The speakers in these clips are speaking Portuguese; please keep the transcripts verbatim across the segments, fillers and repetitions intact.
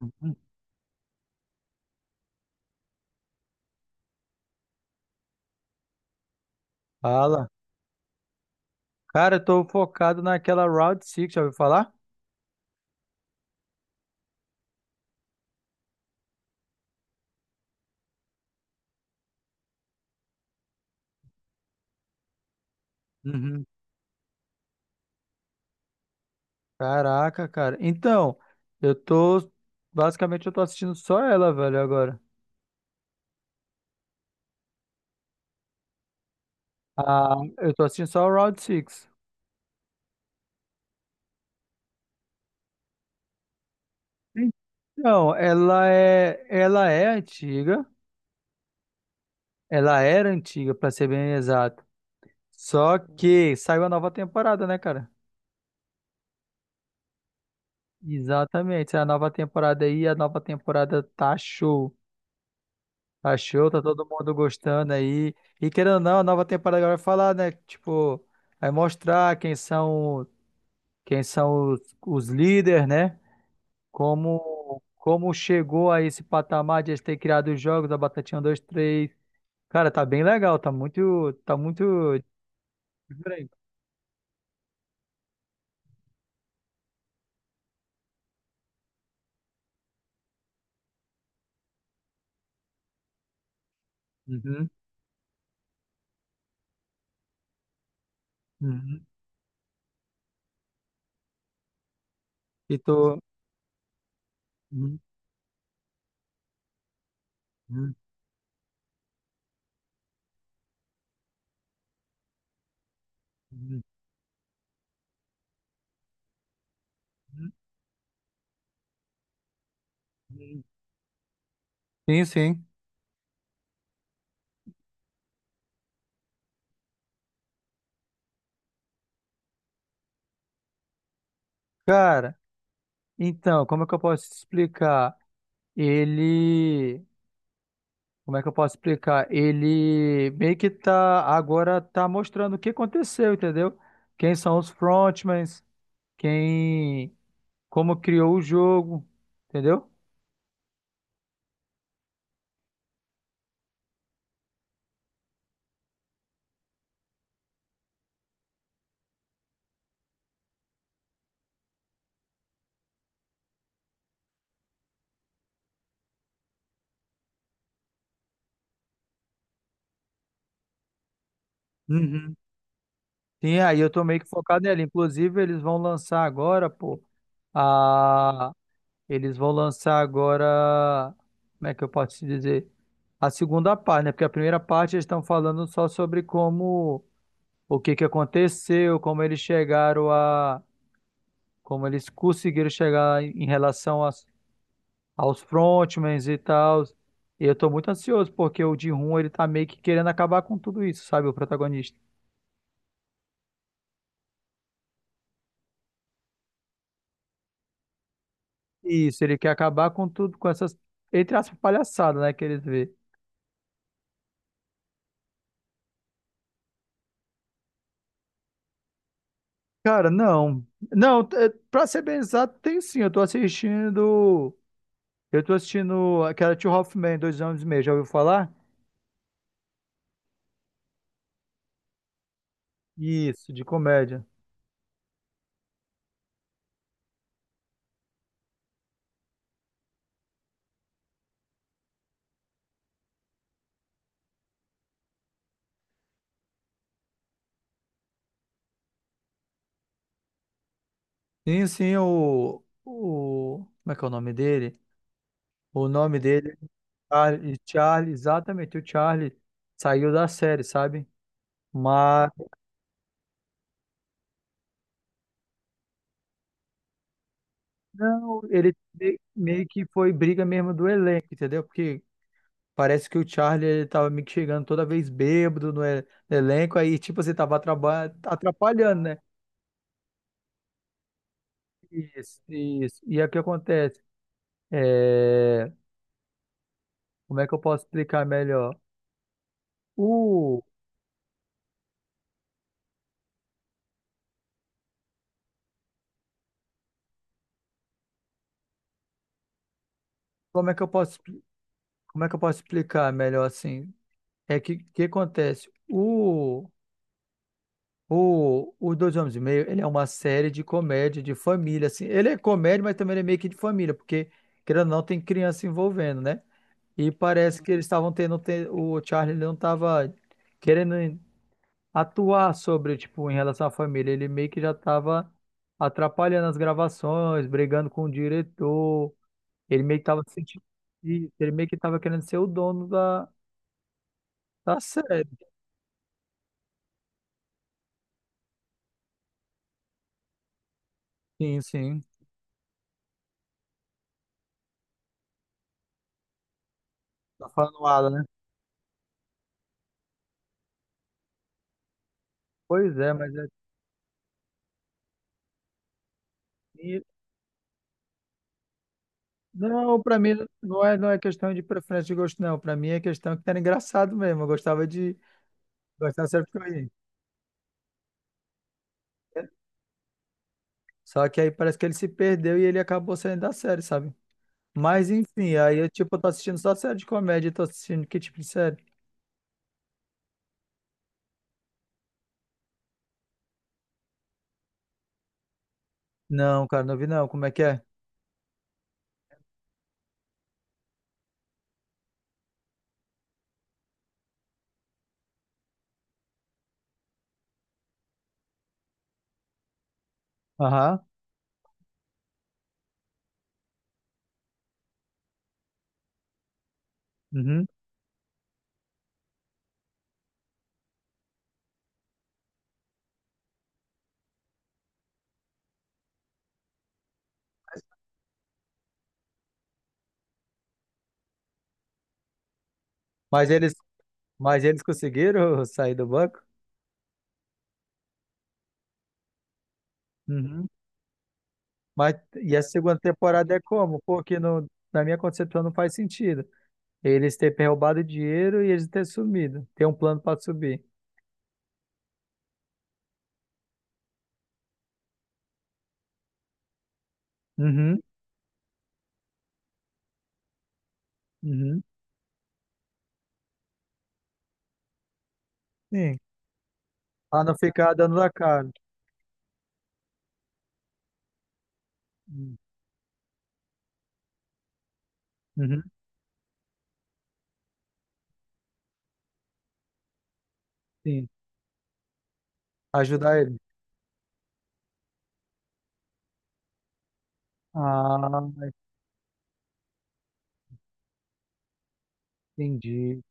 Uhum. Fala. Cara, eu tô focado naquela Route seis, já ouviu falar? Uhum. Caraca, cara. Então, eu tô. Basicamente, eu tô assistindo só ela, velho, agora. Ah, eu tô assistindo só a Route seis. Então, ela é. Ela é antiga. Ela era antiga, pra ser bem exato. Só que saiu a nova temporada, né, cara? Exatamente. A nova temporada aí, a nova temporada tá show. Tá show, tá todo mundo gostando aí. E querendo ou não, a nova temporada agora vai falar, né? Tipo, vai mostrar quem são, quem são os, os líderes, né? Como, como chegou a esse patamar de eles terem criado os jogos da Batatinha um, dois, três. Cara, tá bem legal, tá muito, tá muito diferente. Uhum, uhum. E tô. Uhum, uhum, uhum, uhum. Sim, sim. Cara, então, como é que eu posso te explicar? Ele. Como é que eu posso explicar? Ele meio que tá agora tá mostrando o que aconteceu, entendeu? Quem são os frontmans, quem como criou o jogo, entendeu? Uhum. Sim, aí eu tô meio que focado nele. Inclusive, eles vão lançar agora, pô, a eles vão lançar agora, como é que eu posso te dizer? A segunda parte, né? Porque a primeira parte eles estão falando só sobre como o que que aconteceu, como eles chegaram a como eles conseguiram chegar em relação às- aos frontmans e tal. E eu tô muito ansioso, porque o Ji-hoon, ele tá meio que querendo acabar com tudo isso, sabe, o protagonista. Isso, ele quer acabar com tudo, com essas, entre aspas, palhaçadas, né, que eles vê. Cara, não. Não, é, pra ser bem exato, tem sim, eu tô assistindo, eu tô assistindo aquela Two Hoffman, dois anos e meio, já ouviu falar? Isso, de comédia. Sim, sim, o, o, como é que é o nome dele? O nome dele Charlie, Charlie, exatamente, o Charlie saiu da série, sabe? Mas não, ele me- meio que foi briga mesmo do elenco, entendeu? Porque parece que o Charlie ele tava meio que chegando toda vez bêbado no, e- no elenco, aí tipo você tava atraba- atrapalhando, né? Isso, isso. E aí o que acontece? É, Como é que eu posso explicar melhor? O... Como é que eu posso, expli- como é que eu posso explicar melhor assim? É que que acontece? O O, o Dois Homens e Meio, ele é uma série de comédia, de família, assim. Ele é comédia, mas também ele é meio que de família, porque, querendo ou não, tem criança se envolvendo, né? E parece que eles estavam tendo, te- o Charlie ele não estava querendo atuar sobre, tipo, em relação à família. Ele meio que já estava atrapalhando as gravações, brigando com o diretor. Ele meio que estava sentindo isso, ele meio que estava querendo ser o dono da, da série. Sim, sim. Tá falando nada, né? Pois é, mas é assim. Não, para mim não é, não é questão de preferência de gosto, não. Para mim é questão que era engraçado mesmo. Eu gostava de gostava sempre que eu ia. Só que aí parece que ele se perdeu e ele acabou saindo da série, sabe? Mas enfim, aí eu tipo, eu tô assistindo só série de comédia, tô assistindo que tipo de série? Não, cara, não vi não. Como é que é? Aham. Uhum. Mas eles, mas eles conseguiram sair do banco? Uhum. Mas e a segunda temporada é como? Porque no, na minha concepção não faz sentido. Eles terem roubado dinheiro e eles terem sumido. Tem um plano para subir. Uhum, uhum, sim. Pra não ficar dando a cara. Uhum, sim. Ajudar ele. Ah, entendi.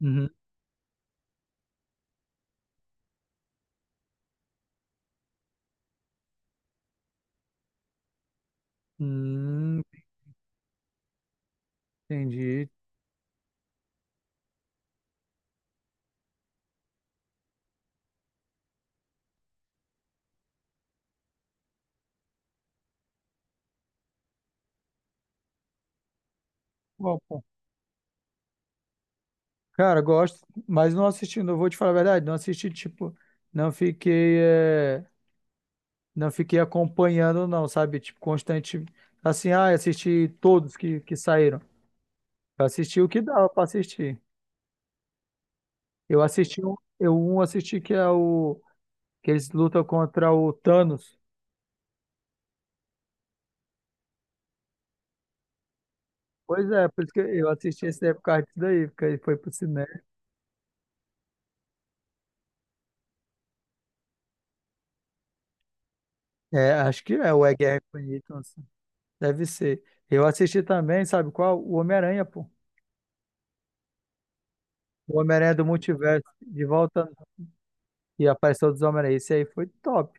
Uhum. Hum, entendi. Opa. Cara, gosto, mas não assistindo, eu vou te falar a verdade, não assisti, tipo, não fiquei, é, não fiquei acompanhando, não, sabe? Tipo, constante, assim, ah, assisti todos que, que saíram. Eu assisti o que dava pra assistir. Eu assisti um, eu um assisti que é o que eles lutam contra o Thanos. Pois é, por isso que eu assisti esse daí por causa disso daí, porque ele foi pro cinema. É, acho que é o É Guerra Infinita, assim. Deve ser. Eu assisti também, sabe qual? O Homem-Aranha, pô. O Homem-Aranha do Multiverso, de volta e apareceu dos Homem-Aranha. Esse aí foi top.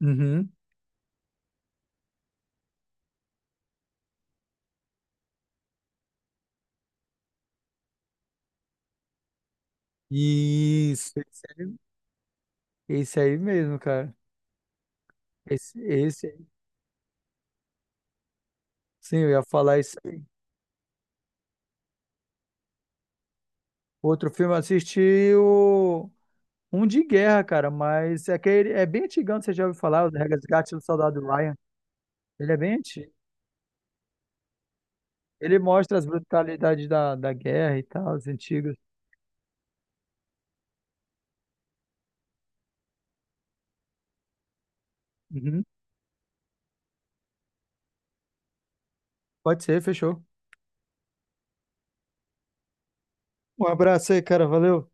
Uhum. Isso. Esse aí, esse aí mesmo, cara. Esse, esse aí. Sim, eu ia falar isso aí. Outro filme, eu assisti o. Um de guerra, cara, mas é que ele é bem antigão, você já ouviu falar, o Resgate do Soldado Ryan. Ele é bem antigo. Ele mostra as brutalidades da, da guerra e tal, os antigos. Uhum. Pode ser, fechou. Um abraço aí, cara, valeu.